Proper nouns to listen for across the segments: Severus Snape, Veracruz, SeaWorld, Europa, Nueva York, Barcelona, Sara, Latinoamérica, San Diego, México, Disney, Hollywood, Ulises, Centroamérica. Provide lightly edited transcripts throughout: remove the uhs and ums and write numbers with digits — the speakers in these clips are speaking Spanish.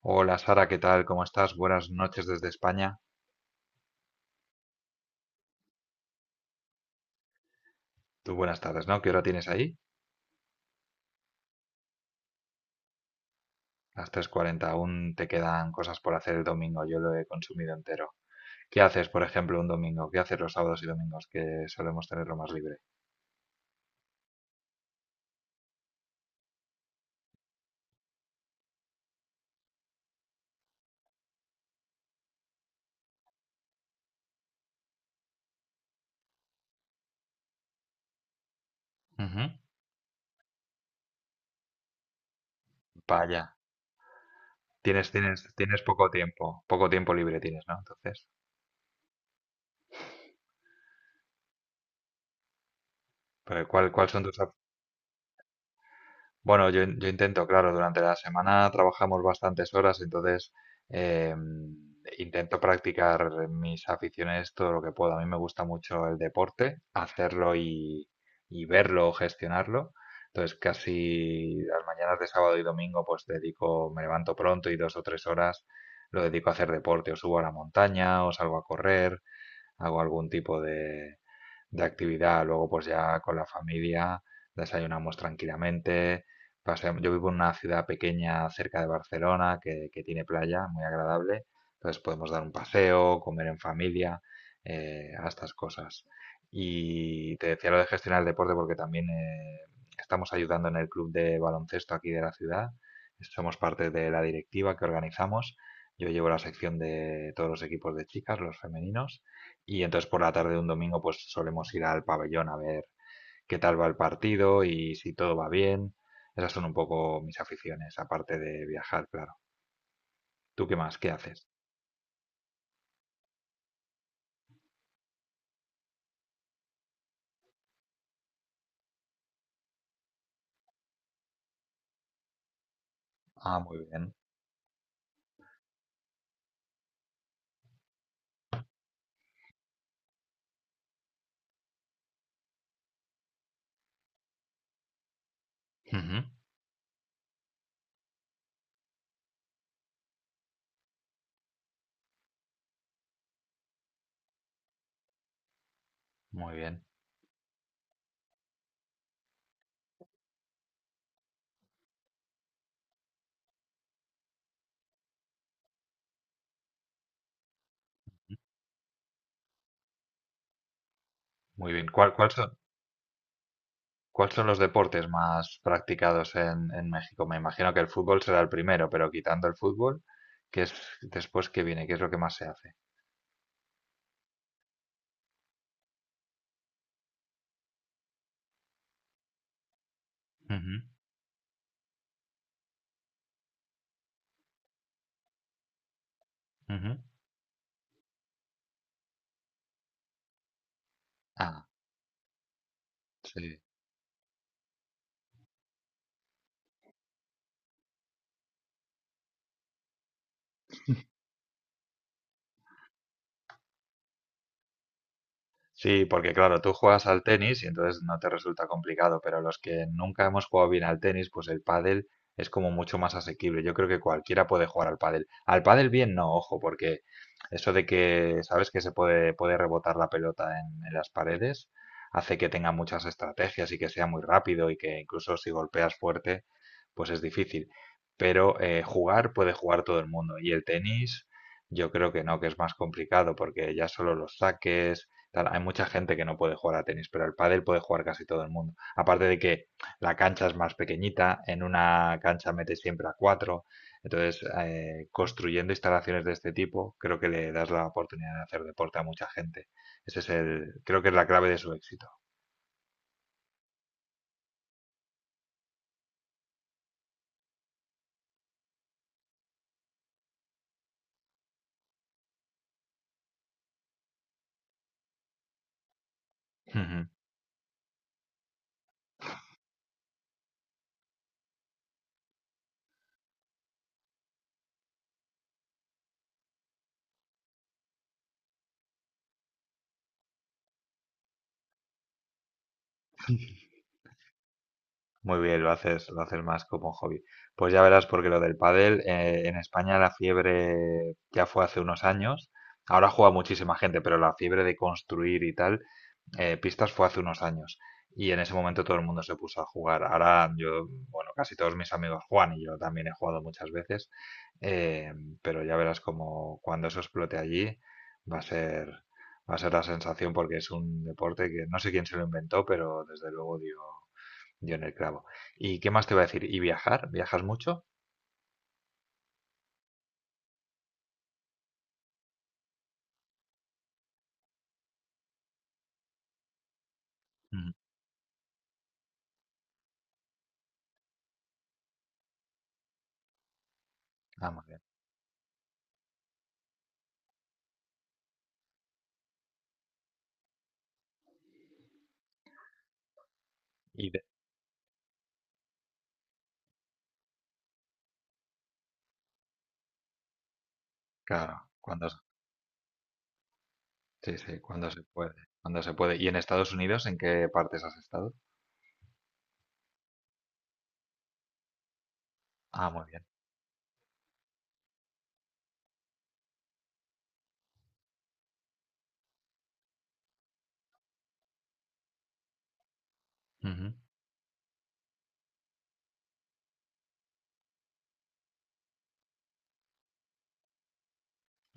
Hola Sara, ¿qué tal? ¿Cómo estás? Buenas noches desde España. Tú buenas tardes, ¿no? ¿Qué hora tienes ahí? Las 3:40. Aún te quedan cosas por hacer el domingo. Yo lo he consumido entero. ¿Qué haces, por ejemplo, un domingo? ¿Qué haces los sábados y domingos que solemos tenerlo más libre? Ujú. Vaya. Tienes poco tiempo. Poco tiempo libre tienes, ¿no? Entonces, pero ¿cuál son tus Bueno, yo intento, claro, durante la semana trabajamos bastantes horas, entonces eh, intento practicar mis aficiones todo lo que puedo. A mí me gusta mucho el deporte, hacerlo y verlo o gestionarlo. Entonces casi las mañanas de sábado y domingo pues dedico, me levanto pronto y 2 o 3 horas lo dedico a hacer deporte, o subo a la montaña, o salgo a correr, hago algún tipo de actividad. Luego, pues ya con la familia desayunamos tranquilamente. Yo vivo en una ciudad pequeña cerca de Barcelona que tiene playa muy agradable. Entonces podemos dar un paseo, comer en familia, a estas cosas. Y te decía lo de gestionar el deporte porque también estamos ayudando en el club de baloncesto aquí de la ciudad. Somos parte de la directiva que organizamos. Yo llevo la sección de todos los equipos de chicas, los femeninos. Y entonces por la tarde de un domingo pues solemos ir al pabellón a ver qué tal va el partido y si todo va bien. Esas son un poco mis aficiones, aparte de viajar, claro. ¿Tú qué más? ¿Qué haces? Ah, muy bien. Ujú. Muy bien, muy bien. ¿Cuál son los deportes más practicados en México? Me imagino que el fútbol será el primero, pero quitando el fútbol, ¿qué es después que viene? ¿Qué es lo que más se hace? Ujú, ujú. Ah, sí. Sí, porque claro, tú juegas al tenis y entonces no te resulta complicado, pero los que nunca hemos jugado bien al tenis, pues el pádel es como mucho más asequible. Yo creo que cualquiera puede jugar al pádel. Al pádel bien no, ojo, porque eso de que sabes que se puede rebotar la pelota en las paredes hace que tenga muchas estrategias y que sea muy rápido y que incluso si golpeas fuerte, pues es difícil. Pero jugar puede jugar todo el mundo y el tenis yo creo que no, que es más complicado porque ya solo los saques tal. Hay mucha gente que no puede jugar a tenis, pero el pádel puede jugar casi todo el mundo. Aparte de que la cancha es más pequeñita, en una cancha metes siempre a cuatro. Entonces, construyendo instalaciones de este tipo, creo que le das la oportunidad de hacer deporte a mucha gente. Ese es el, creo que es la clave de su éxito. Ujú. Muy bien, lo haces más como hobby. Pues ya verás, porque lo del pádel, en España la fiebre ya fue hace unos años. Ahora juega muchísima gente, pero la fiebre de construir y tal pistas fue hace unos años y en ese momento todo el mundo se puso a jugar. Ahora yo, bueno, casi todos mis amigos Juan y yo también he jugado muchas veces, eh, pero ya verás como cuando eso explote allí va a ser, va a ser la sensación porque es un deporte que no sé quién se lo inventó, pero desde luego dio en el clavo. ¿Y qué más te iba a decir? ¿Y viajar? ¿Viajas mucho? Mm. Ah, muy bien. Y claro, cuando, sí, sí, cuando se puede, cuando se puede. ¿Y en Estados Unidos en qué partes has estado? Ah, muy bien. Ujú.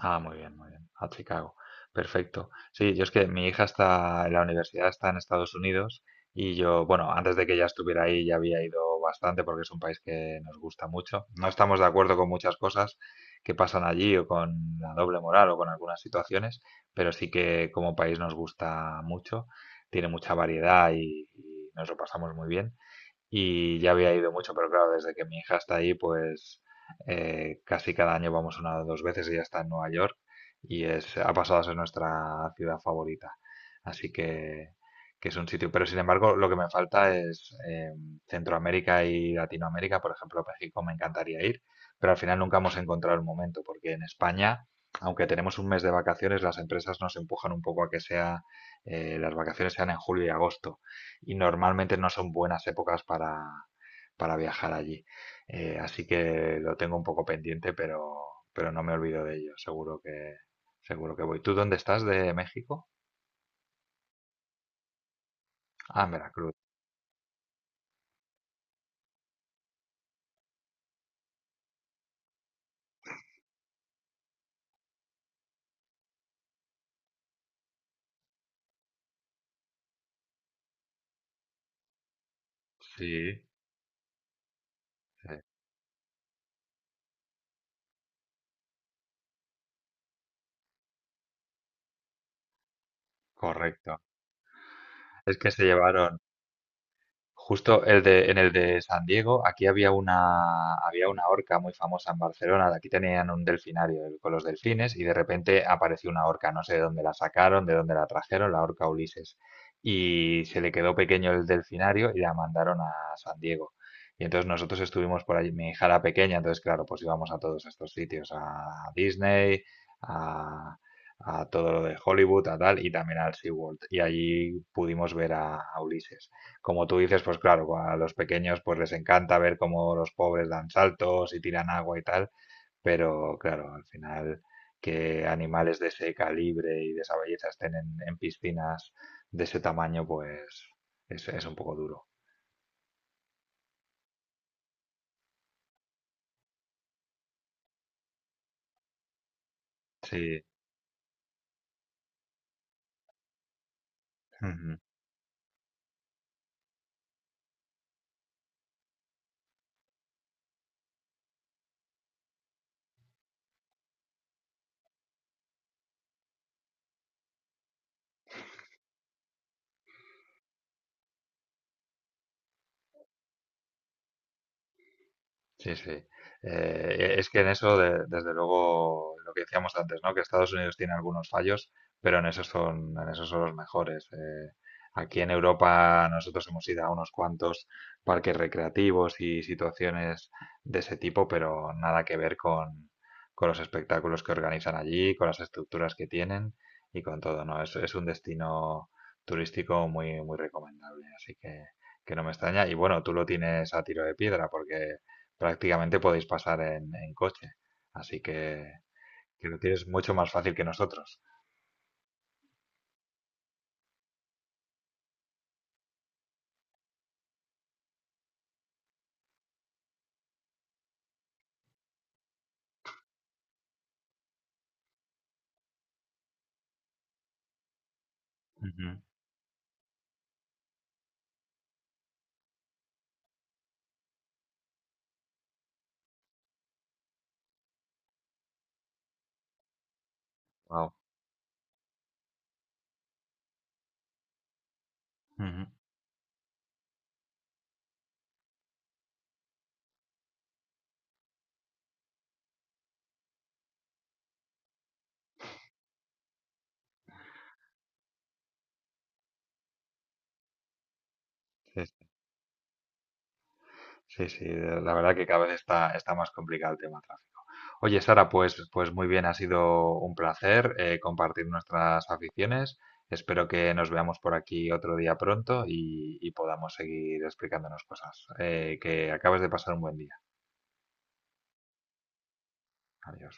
Ah, muy bien, muy bien. A Chicago. Perfecto. Sí, yo es que mi hija está en la universidad, está en Estados Unidos y yo, bueno, antes de que ella estuviera ahí ya había ido bastante porque es un país que nos gusta mucho. No estamos de acuerdo con muchas cosas que pasan allí o con la doble moral o con algunas situaciones, pero sí que como país nos gusta mucho, tiene mucha variedad y nos lo pasamos muy bien y ya había ido mucho, pero claro, desde que mi hija está ahí, pues casi cada año vamos una o dos veces, ella está en Nueva York y es, ha pasado a ser nuestra ciudad favorita. Así que es un sitio, pero sin embargo lo que me falta es Centroamérica y Latinoamérica, por ejemplo, México me encantaría ir, pero al final nunca hemos encontrado el momento, porque en España, aunque tenemos un mes de vacaciones, las empresas nos empujan un poco a que sea, las vacaciones sean en julio y agosto y normalmente no son buenas épocas para viajar allí. Así que lo tengo un poco pendiente, pero no me olvido de ello. Seguro que voy. ¿Tú dónde estás de México? Ah, en Veracruz. Sí, sí, correcto. Es que se llevaron, Justo en el de San Diego, aquí había una orca muy famosa en Barcelona. De aquí tenían un delfinario con los delfines y de repente apareció una orca. No sé de dónde la sacaron, de dónde la trajeron, la orca Ulises. Y se le quedó pequeño el delfinario y la mandaron a San Diego. Y entonces nosotros estuvimos por allí, mi hija era pequeña, entonces claro, pues íbamos a todos estos sitios, a Disney, a, a todo lo de Hollywood, a tal, y también al SeaWorld. Y allí pudimos ver a Ulises. Como tú dices, pues claro, a los pequeños pues les encanta ver cómo los pobres dan saltos y tiran agua y tal, pero claro, al final que animales de ese calibre y de esa belleza estén en piscinas de ese tamaño, pues es un poco duro. Sí. Sí, sí. Es que en eso, desde luego, lo que decíamos antes, ¿no? Que Estados Unidos tiene algunos fallos, pero en esos son los mejores. Aquí en Europa nosotros hemos ido a unos cuantos parques recreativos y situaciones de ese tipo, pero nada que ver con los espectáculos que organizan allí, con las estructuras que tienen y con todo, ¿no? Es un destino turístico muy, muy recomendable, así que no me extraña. Y bueno, tú lo tienes a tiro de piedra porque prácticamente podéis pasar en coche. Así que lo tienes mucho más fácil que nosotros. Ujú. Wow. Ujú. Sí, sí, sí, la verdad que cada vez está más complicado el tema tráfico. Oye, Sara, pues muy bien, ha sido un placer compartir nuestras aficiones. Espero que nos veamos por aquí otro día pronto y podamos seguir explicándonos cosas. Que acabes de pasar un buen día. Adiós.